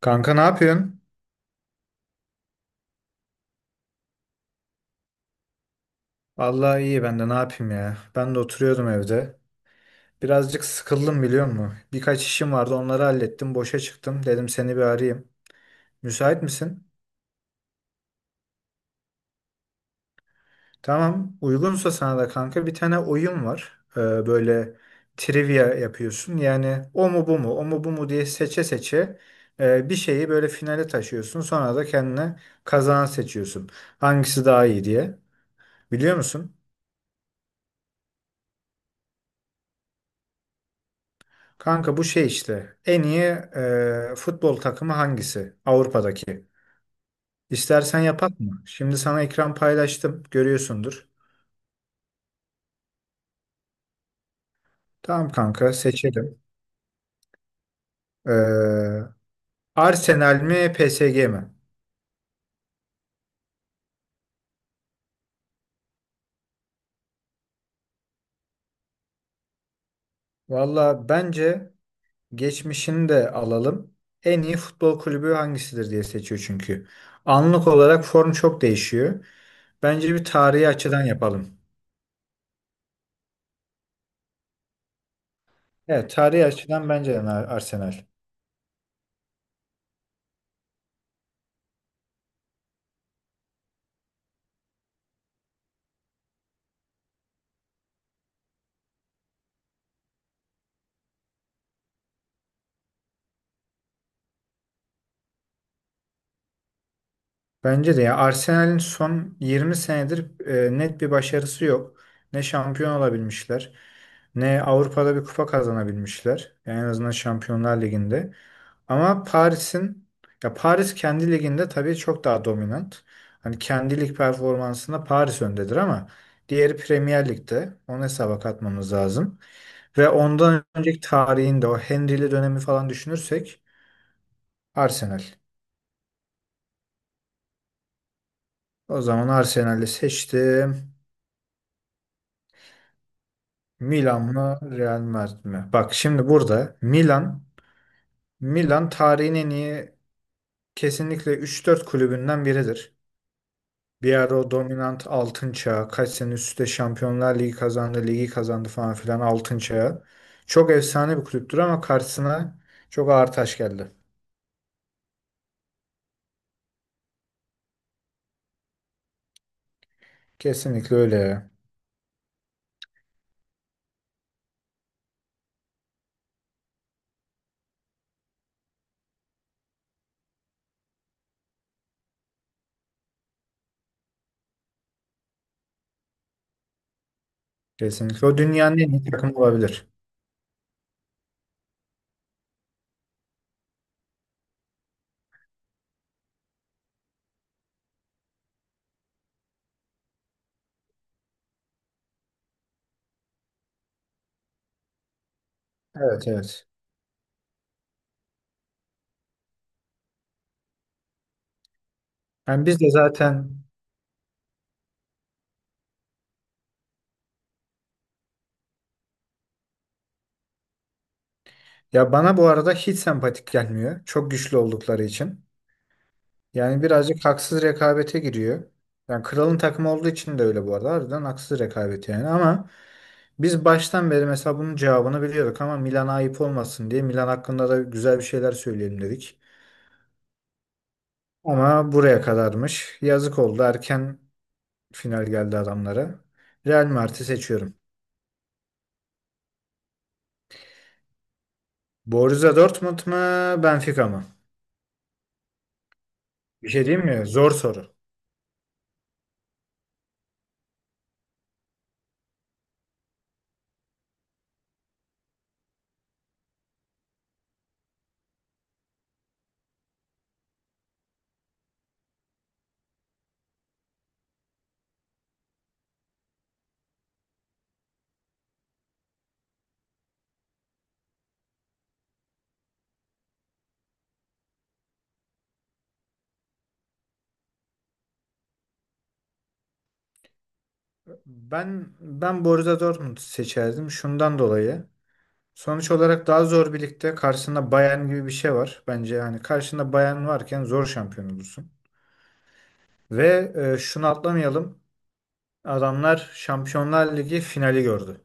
Kanka ne yapıyorsun? Vallahi iyi ben de ne yapayım ya. Ben de oturuyordum evde. Birazcık sıkıldım biliyor musun? Birkaç işim vardı onları hallettim. Boşa çıktım. Dedim seni bir arayayım. Müsait misin? Tamam. Uygunsa sana da kanka bir tane oyun var. Böyle trivia yapıyorsun. Yani o mu bu mu? O mu bu mu diye seçe seçe bir şeyi böyle finale taşıyorsun. Sonra da kendine kazanan seçiyorsun. Hangisi daha iyi diye. Biliyor musun? Kanka bu şey işte en iyi futbol takımı hangisi Avrupa'daki? İstersen yapak mı? Şimdi sana ekran paylaştım görüyorsundur. Tamam kanka seçelim. E, Arsenal mi PSG mi? Valla bence geçmişini de alalım. En iyi futbol kulübü hangisidir diye seçiyor çünkü. Anlık olarak form çok değişiyor. Bence bir tarihi açıdan yapalım. Evet tarihi açıdan bence de Arsenal. Bence de ya Arsenal'in son 20 senedir net bir başarısı yok. Ne şampiyon olabilmişler, ne Avrupa'da bir kupa kazanabilmişler. Yani en azından Şampiyonlar Ligi'nde. Ama Paris kendi liginde tabii çok daha dominant. Hani kendi lig performansında Paris öndedir ama diğeri Premier Lig'de. Onu hesaba katmamız lazım. Ve ondan önceki tarihinde o Henry'li dönemi falan düşünürsek Arsenal. O zaman Arsenal'i seçtim. Milan mı Real Madrid mi? Bak şimdi burada Milan tarihin en iyi kesinlikle üç dört kulübünden biridir. Bir ara o dominant altın çağı kaç sene üst üste Şampiyonlar Ligi kazandı, ligi kazandı falan filan altın çağı. Çok efsane bir kulüptür ama karşısına çok ağır taş geldi. Kesinlikle öyle ya. Kesinlikle. O dünyanın en iyi takımı olabilir. Evet evet. Yani biz de zaten ya bana bu arada hiç sempatik gelmiyor. Çok güçlü oldukları için. Yani birazcık haksız rekabete giriyor. Yani kralın takımı olduğu için de öyle bu arada. Harbiden haksız rekabet yani ama biz baştan beri mesela bunun cevabını biliyorduk ama Milan'a ayıp olmasın diye Milan hakkında da güzel bir şeyler söyleyelim dedik. Ama buraya kadarmış. Yazık oldu. Erken final geldi adamlara. Real Madrid'i seçiyorum. Borussia Dortmund mu, Benfica mı? Bir şey diyeyim mi? Zor soru. Ben Borussia Dortmund seçerdim şundan dolayı. Sonuç olarak daha zor bir ligde karşısında Bayern gibi bir şey var. Bence yani karşında Bayern varken zor şampiyon olursun. Ve şunu atlamayalım. Adamlar Şampiyonlar Ligi finali gördü.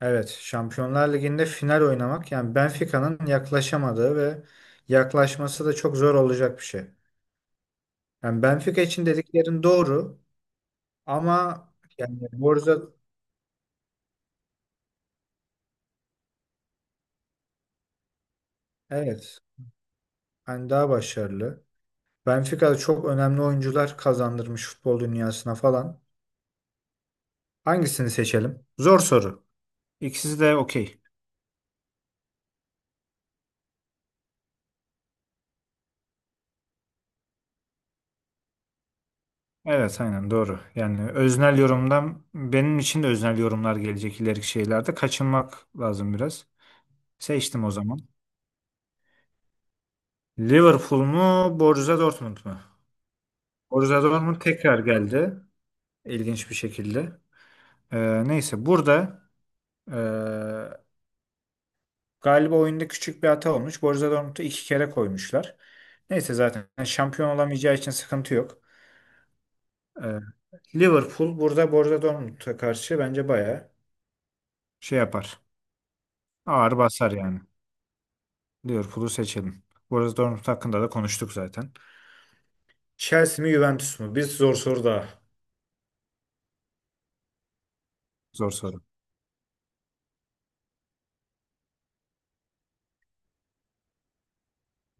Evet, Şampiyonlar Ligi'nde final oynamak yani Benfica'nın yaklaşamadığı ve yaklaşması da çok zor olacak bir şey. Yani Benfica için dediklerin doğru ama yani Borussia evet, hani daha başarılı. Benfica'da çok önemli oyuncular kazandırmış futbol dünyasına falan. Hangisini seçelim? Zor soru. İkisi de okey. Evet aynen doğru. Yani öznel yorumdan benim için de öznel yorumlar gelecek ileriki şeylerde. Kaçınmak lazım biraz. Seçtim o zaman. Liverpool mu Borussia Dortmund mu? Borussia Dortmund tekrar geldi. İlginç bir şekilde. Neyse burada ee, galiba oyunda küçük bir hata olmuş. Borussia Dortmund'u iki kere koymuşlar. Neyse zaten şampiyon olamayacağı için sıkıntı yok. Ee, Liverpool burada Borussia Dortmund'a karşı bence bayağı şey yapar. Ağır basar yani. Liverpool'u seçelim. Borussia Dortmund hakkında da konuştuk zaten. Chelsea mi Juventus mu? Bir zor soru daha. Zor soru.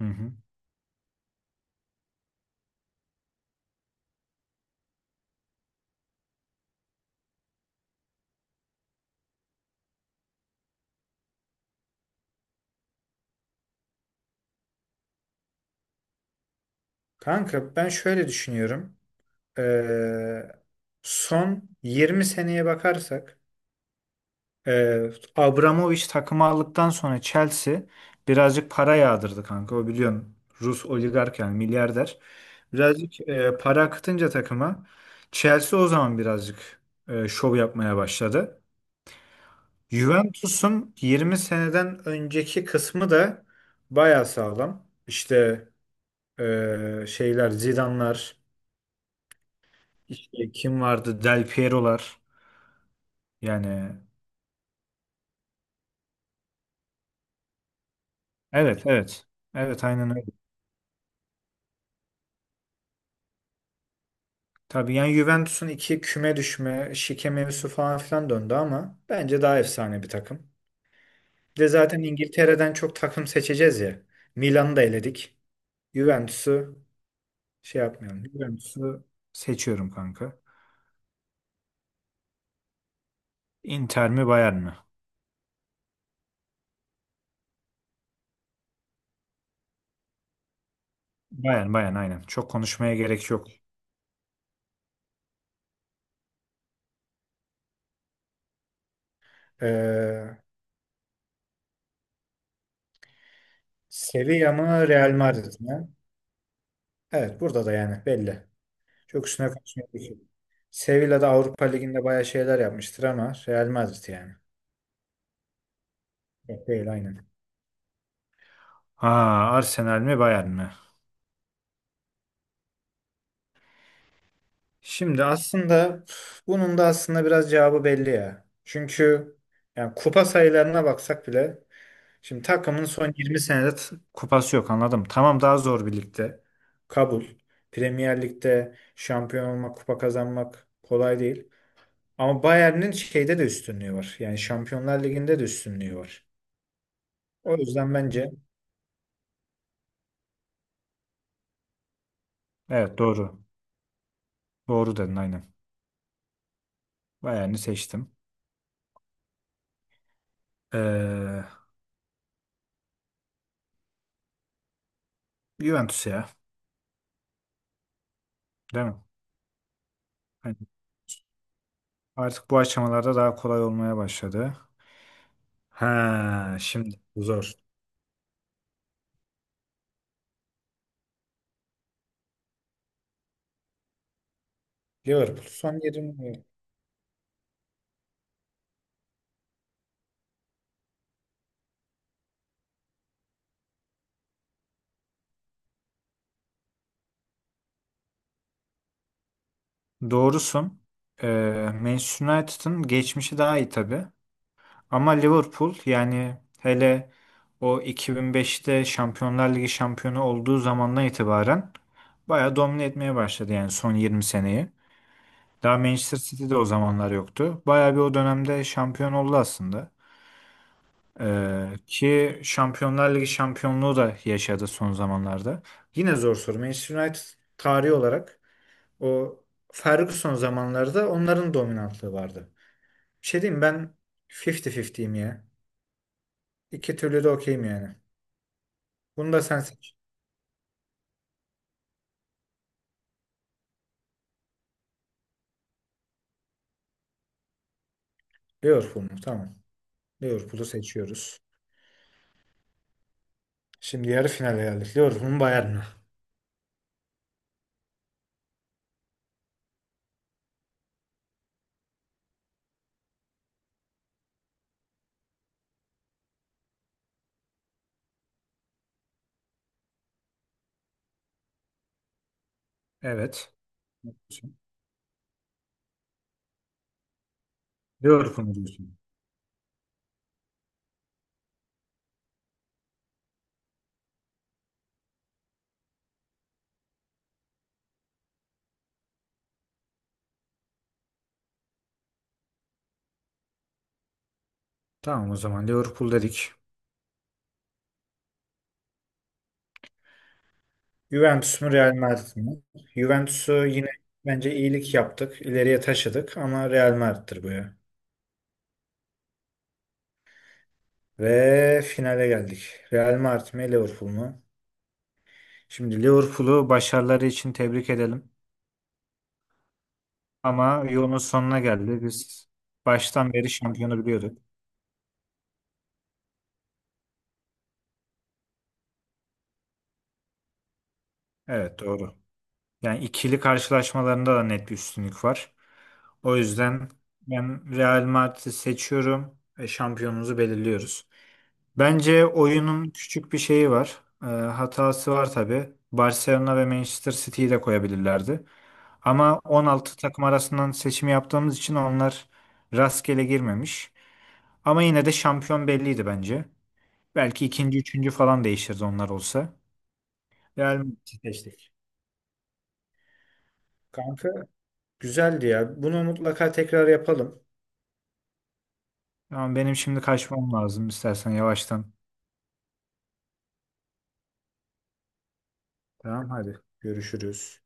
Hı hı. Kanka ben şöyle düşünüyorum. Ee, Son 20 seneye bakarsak Ee, Abramovich takımı aldıktan sonra Chelsea birazcık para yağdırdı kanka. O biliyorsun Rus oligark yani milyarder. Birazcık para akıtınca takıma Chelsea o zaman birazcık şov yapmaya başladı. Juventus'un 20 seneden önceki kısmı da baya sağlam. İşte şeyler Zidane'lar, işte kim vardı? Del Piero'lar. Yani evet evet. Evet aynen öyle. Tabii yani Juventus'un iki küme düşme, şike mevzusu falan filan döndü ama bence daha efsane bir takım. Bir de zaten İngiltere'den çok takım seçeceğiz ya. Milan'ı da eledik. Juventus'u şey yapmayalım. Juventus'u seçiyorum kanka. Inter mi Bayern mi? Bayern Bayern aynen. Çok konuşmaya gerek yok. Ee, Sevilla mı Real Madrid mi? Evet burada da yani belli. Çok üstüne konuşmaya gerek yok. Sevilla da Avrupa Ligi'nde bayağı şeyler yapmıştır ama Real Madrid yani. Evet, değil aynen. Ha, Arsenal mi Bayern mi? Şimdi aslında üf, bunun da aslında biraz cevabı belli ya. Çünkü yani kupa sayılarına baksak bile şimdi takımın son 20 senede kupası yok anladım. Tamam daha zor bir ligde. Kabul. Premier Lig'de şampiyon olmak, kupa kazanmak kolay değil. Ama Bayern'in şeyde de üstünlüğü var. Yani Şampiyonlar Ligi'nde de üstünlüğü var. O yüzden bence evet doğru. Doğru dedin aynen. Bayern'i seçtim. Ee, Juventus ya. Değil mi? Hani artık bu aşamalarda daha kolay olmaya başladı. Ha, şimdi bu zor. Liverpool son yerini Doğrusun. Manchester United'ın geçmişi daha iyi tabii. Ama Liverpool yani hele o 2005'te Şampiyonlar Ligi şampiyonu olduğu zamandan itibaren bayağı domine etmeye başladı yani son 20 seneyi. Daha Manchester City'de o zamanlar yoktu. Bayağı bir o dönemde şampiyon oldu aslında. Ki Şampiyonlar Ligi şampiyonluğu da yaşadı son zamanlarda. Yine zor soru. Manchester United tarihi olarak o Ferguson zamanlarda onların dominantlığı vardı. Bir şey diyeyim mi? Ben 50-50'yim ya. İki türlü de okeyim yani. Bunu da sen seç. Liverpool mu? Tamam. Liverpool'u seçiyoruz. Şimdi yarı finale geldik. Liverpool mu Bayern mi? Evet. Liverpool mu diyorsun? Tamam o zaman Liverpool dedik. Juventus mu Real Madrid mi? Juventus'u yine bence iyilik yaptık. İleriye taşıdık ama Real Madrid'dir bu ya. Ve finale geldik. Real Madrid mi Liverpool mu? Şimdi Liverpool'u başarıları için tebrik edelim. Ama yolun sonuna geldi. Biz baştan beri şampiyonu biliyorduk. Evet doğru. Yani ikili karşılaşmalarında da net bir üstünlük var. O yüzden ben Real Madrid'i seçiyorum ve şampiyonumuzu belirliyoruz. Bence oyunun küçük bir şeyi var. Hatası var tabii. Barcelona ve Manchester City'yi de koyabilirlerdi. Ama 16 takım arasından seçimi yaptığımız için onlar rastgele girmemiş. Ama yine de şampiyon belliydi bence. Belki ikinci, üçüncü falan değişirdi onlar olsa. Real Madrid'i seçtik. Kanka güzeldi ya. Bunu mutlaka tekrar yapalım. Tamam benim şimdi kaçmam lazım istersen yavaştan. Tamam hadi görüşürüz.